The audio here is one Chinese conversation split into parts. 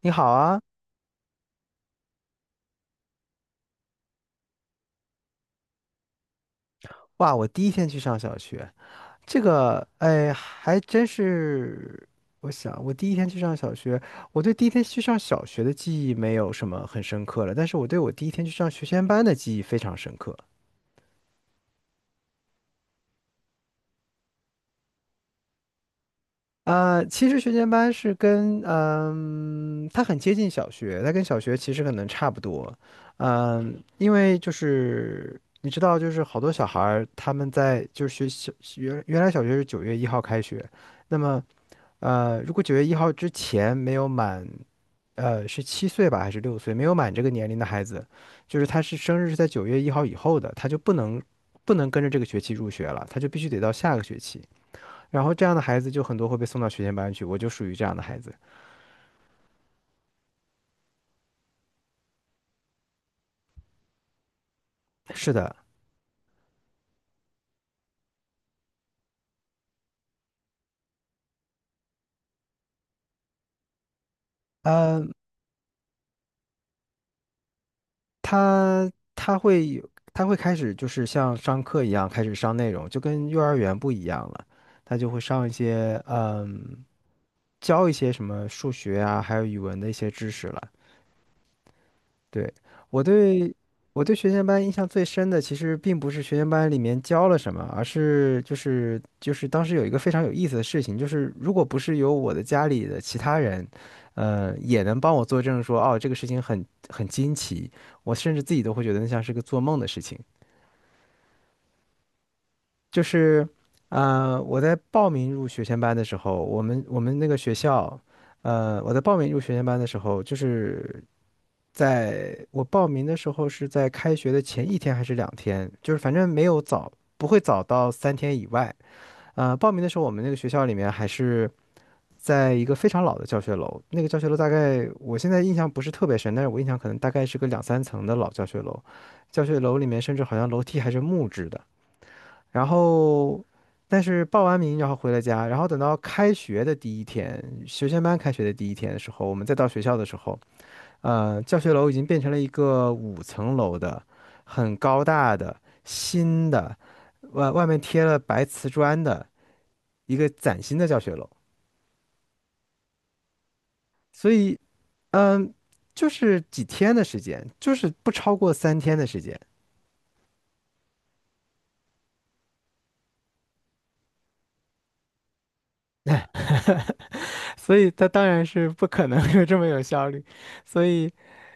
你好啊，哇！我第一天去上小学，这个，哎，还真是。我想，我第一天去上小学，我对第一天去上小学的记忆没有什么很深刻了，但是我对我第一天去上学前班的记忆非常深刻。其实学前班是跟，它很接近小学，它跟小学其实可能差不多。因为就是你知道，就是好多小孩儿他们在就是学小原原来小学是九月一号开学，那么。如果九月一号之前没有满，是7岁吧，还是6岁，没有满这个年龄的孩子，就是生日是在九月一号以后的，他就不能跟着这个学期入学了，他就必须得到下个学期。然后这样的孩子就很多会被送到学前班去，我就属于这样的孩子。是的，呃，他他会开始就是像上课一样开始上内容，就跟幼儿园不一样了。他就会上一些，教一些什么数学啊，还有语文的一些知识了。对，我对我对学前班印象最深的，其实并不是学前班里面教了什么，而是就是当时有一个非常有意思的事情，就是如果不是有我的家里的其他人，也能帮我作证说，哦，这个事情很惊奇，我甚至自己都会觉得那像是个做梦的事情。就是，我在报名入学前班的时候，我们那个学校，我在报名入学前班的时候，就是。在我报名的时候是在开学的前一天还是两天，就是反正没有早，不会早到三天以外。报名的时候我们那个学校里面还是在一个非常老的教学楼，那个教学楼大概我现在印象不是特别深，但是我印象可能大概是个两三层的老教学楼，教学楼里面甚至好像楼梯还是木质的。然后，但是报完名然后回了家，然后等到开学的第一天，学前班开学的第一天的时候，我们再到学校的时候。教学楼已经变成了一个5层楼的，很高大的新的，外面贴了白瓷砖的一个崭新的教学楼。所以，嗯，就是几天的时间，就是不超过三天的时间。所以他当然是不可能有这么有效率，所以，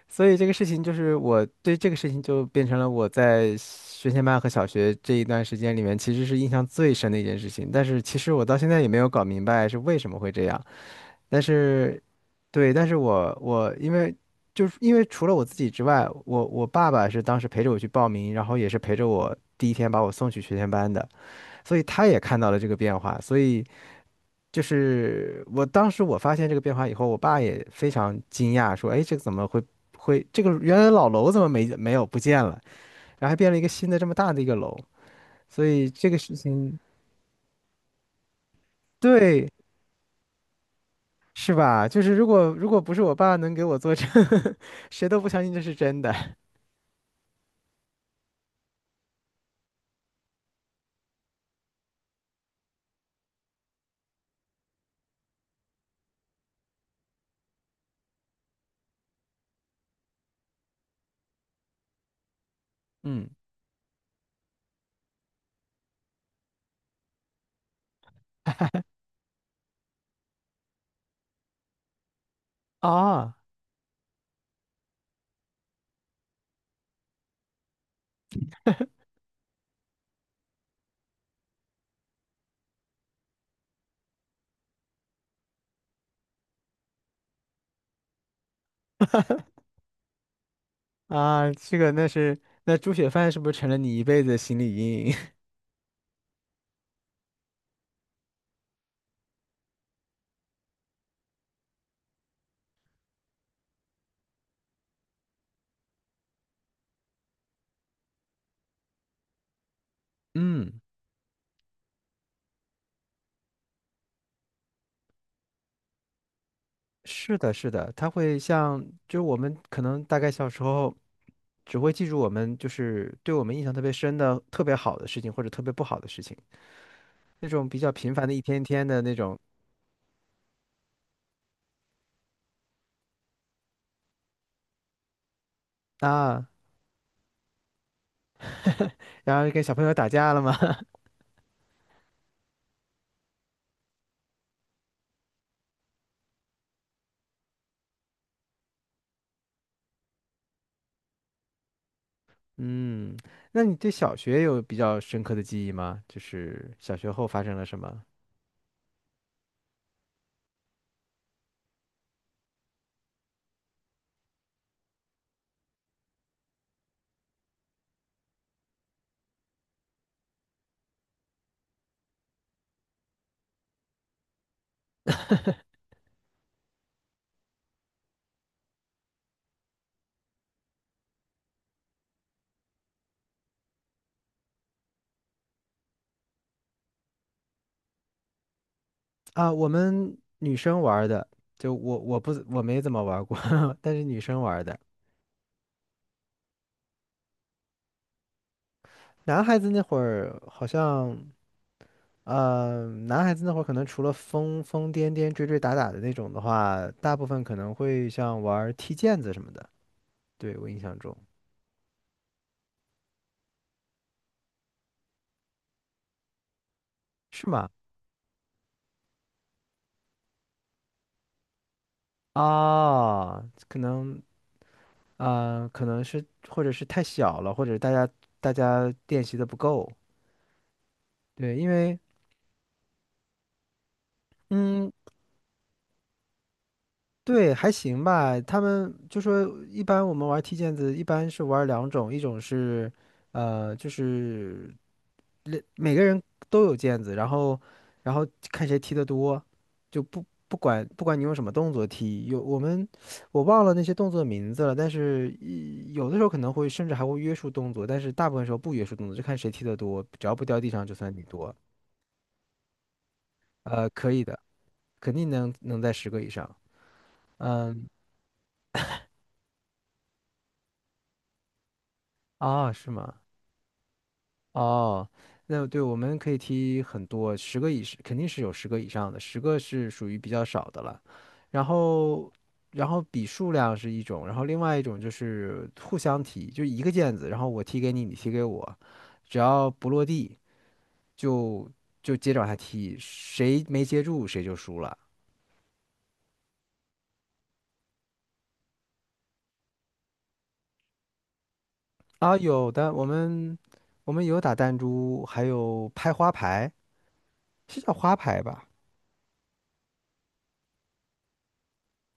所以这个事情就是我对这个事情就变成了我在学前班和小学这一段时间里面其实是印象最深的一件事情，但是其实我到现在也没有搞明白是为什么会这样，但是，对，但是我因为除了我自己之外，我爸爸是当时陪着我去报名，然后也是陪着我第一天把我送去学前班的，所以他也看到了这个变化，所以。就是我当时我发现这个变化以后，我爸也非常惊讶，说："哎，这个怎么会这个原来老楼怎么没有不见了？然后还变了一个新的这么大的一个楼，所以这个事情，对，是吧？就是如果如果不是我爸能给我做证，谁都不相信这是真的。嗯，啊啊，这个那是那猪血饭是不是成了你一辈子的心理阴影？嗯，是的，是的，它会像就是我们可能大概小时候。只会记住我们就是对我们印象特别深的、特别好的事情，或者特别不好的事情，那种比较平凡的一天天的那种啊，然后跟小朋友打架了吗？嗯，那你对小学有比较深刻的记忆吗？就是小学后发生了什么？啊，我们女生玩儿的，就我没怎么玩儿过，但是女生玩儿的。男孩子那会儿好像男孩子那会儿可能除了疯疯癫癫、追追打打的那种的话，大部分可能会像玩儿踢毽子什么的。对，我印象中。是吗？啊，可能可能是或者是太小了，或者大家练习的不够。对，因为嗯，对，还行吧。他们就说，一般我们玩踢毽子，一般是玩两种，一种是就是每个人都有毽子，然后然后看谁踢得多，就不管你用什么动作踢，有我们我忘了那些动作的名字了，但是有的时候可能会甚至还会约束动作，但是大部分时候不约束动作，就看谁踢得多，只要不掉地上就算你多。可以的，肯定能在十个以上。嗯，啊，是吗？哦，那对，我们可以踢很多，十个以上肯定是有十个以上的，十个是属于比较少的了。然后，然后比数量是一种，然后另外一种就是互相踢，就一个毽子，然后我踢给你，你踢给我，只要不落地就就接着往下踢，谁没接住谁就输了。啊，有的，我们有打弹珠，还有拍花牌，是叫花牌吧？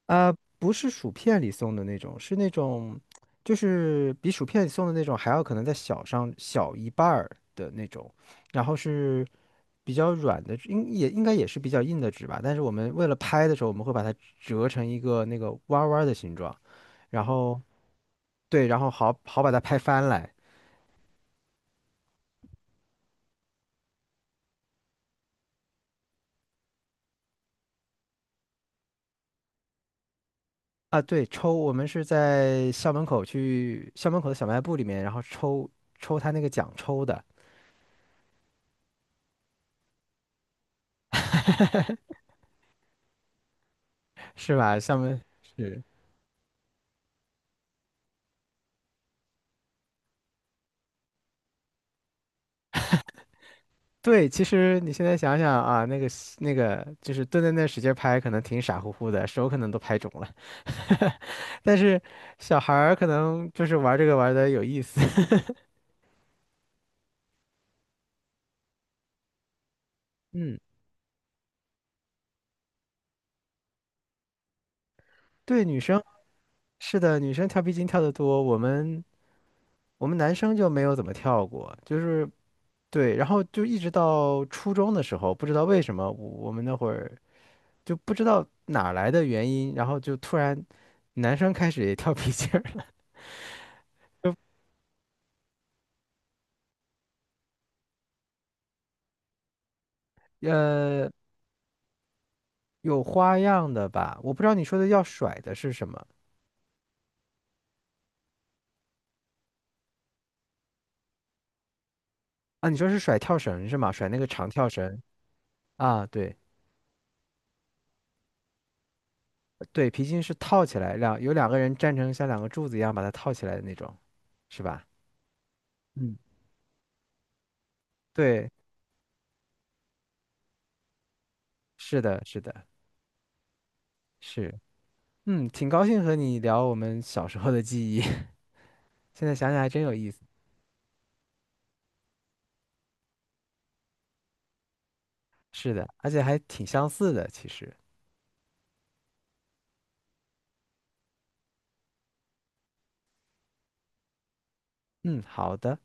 呃，不是薯片里送的那种，是那种，就是比薯片里送的那种还要可能再小上小一半儿的那种，然后是比较软的，应该也是比较硬的纸吧，但是我们为了拍的时候，我们会把它折成一个那个弯儿弯儿的形状，然后对，然后好好把它拍翻来。啊，对，抽，我们是在校门口去校门口的小卖部里面，然后抽他那个奖抽的，是吧？校门。对，其实你现在想想啊，那个就是蹲在那使劲拍，可能挺傻乎乎的，手可能都拍肿了。但是小孩儿可能就是玩这个玩的有意思。嗯，对，女生是的，女生跳皮筋跳得多，我们男生就没有怎么跳过，就是对，然后就一直到初中的时候，不知道为什么我们那会儿就不知道哪儿来的原因，然后就突然男生开始也跳皮筋儿了，就有花样的吧？我不知道你说的要甩的是什么啊？你说是甩跳绳是吗？甩那个长跳绳啊？对对，皮筋是套起来，两个人站成像两个柱子一样把它套起来的那种，是吧？嗯，对，是的，是的，是，嗯，挺高兴和你聊我们小时候的记忆，现在想想还真有意思。是的，而且还挺相似的，其实。嗯，好的。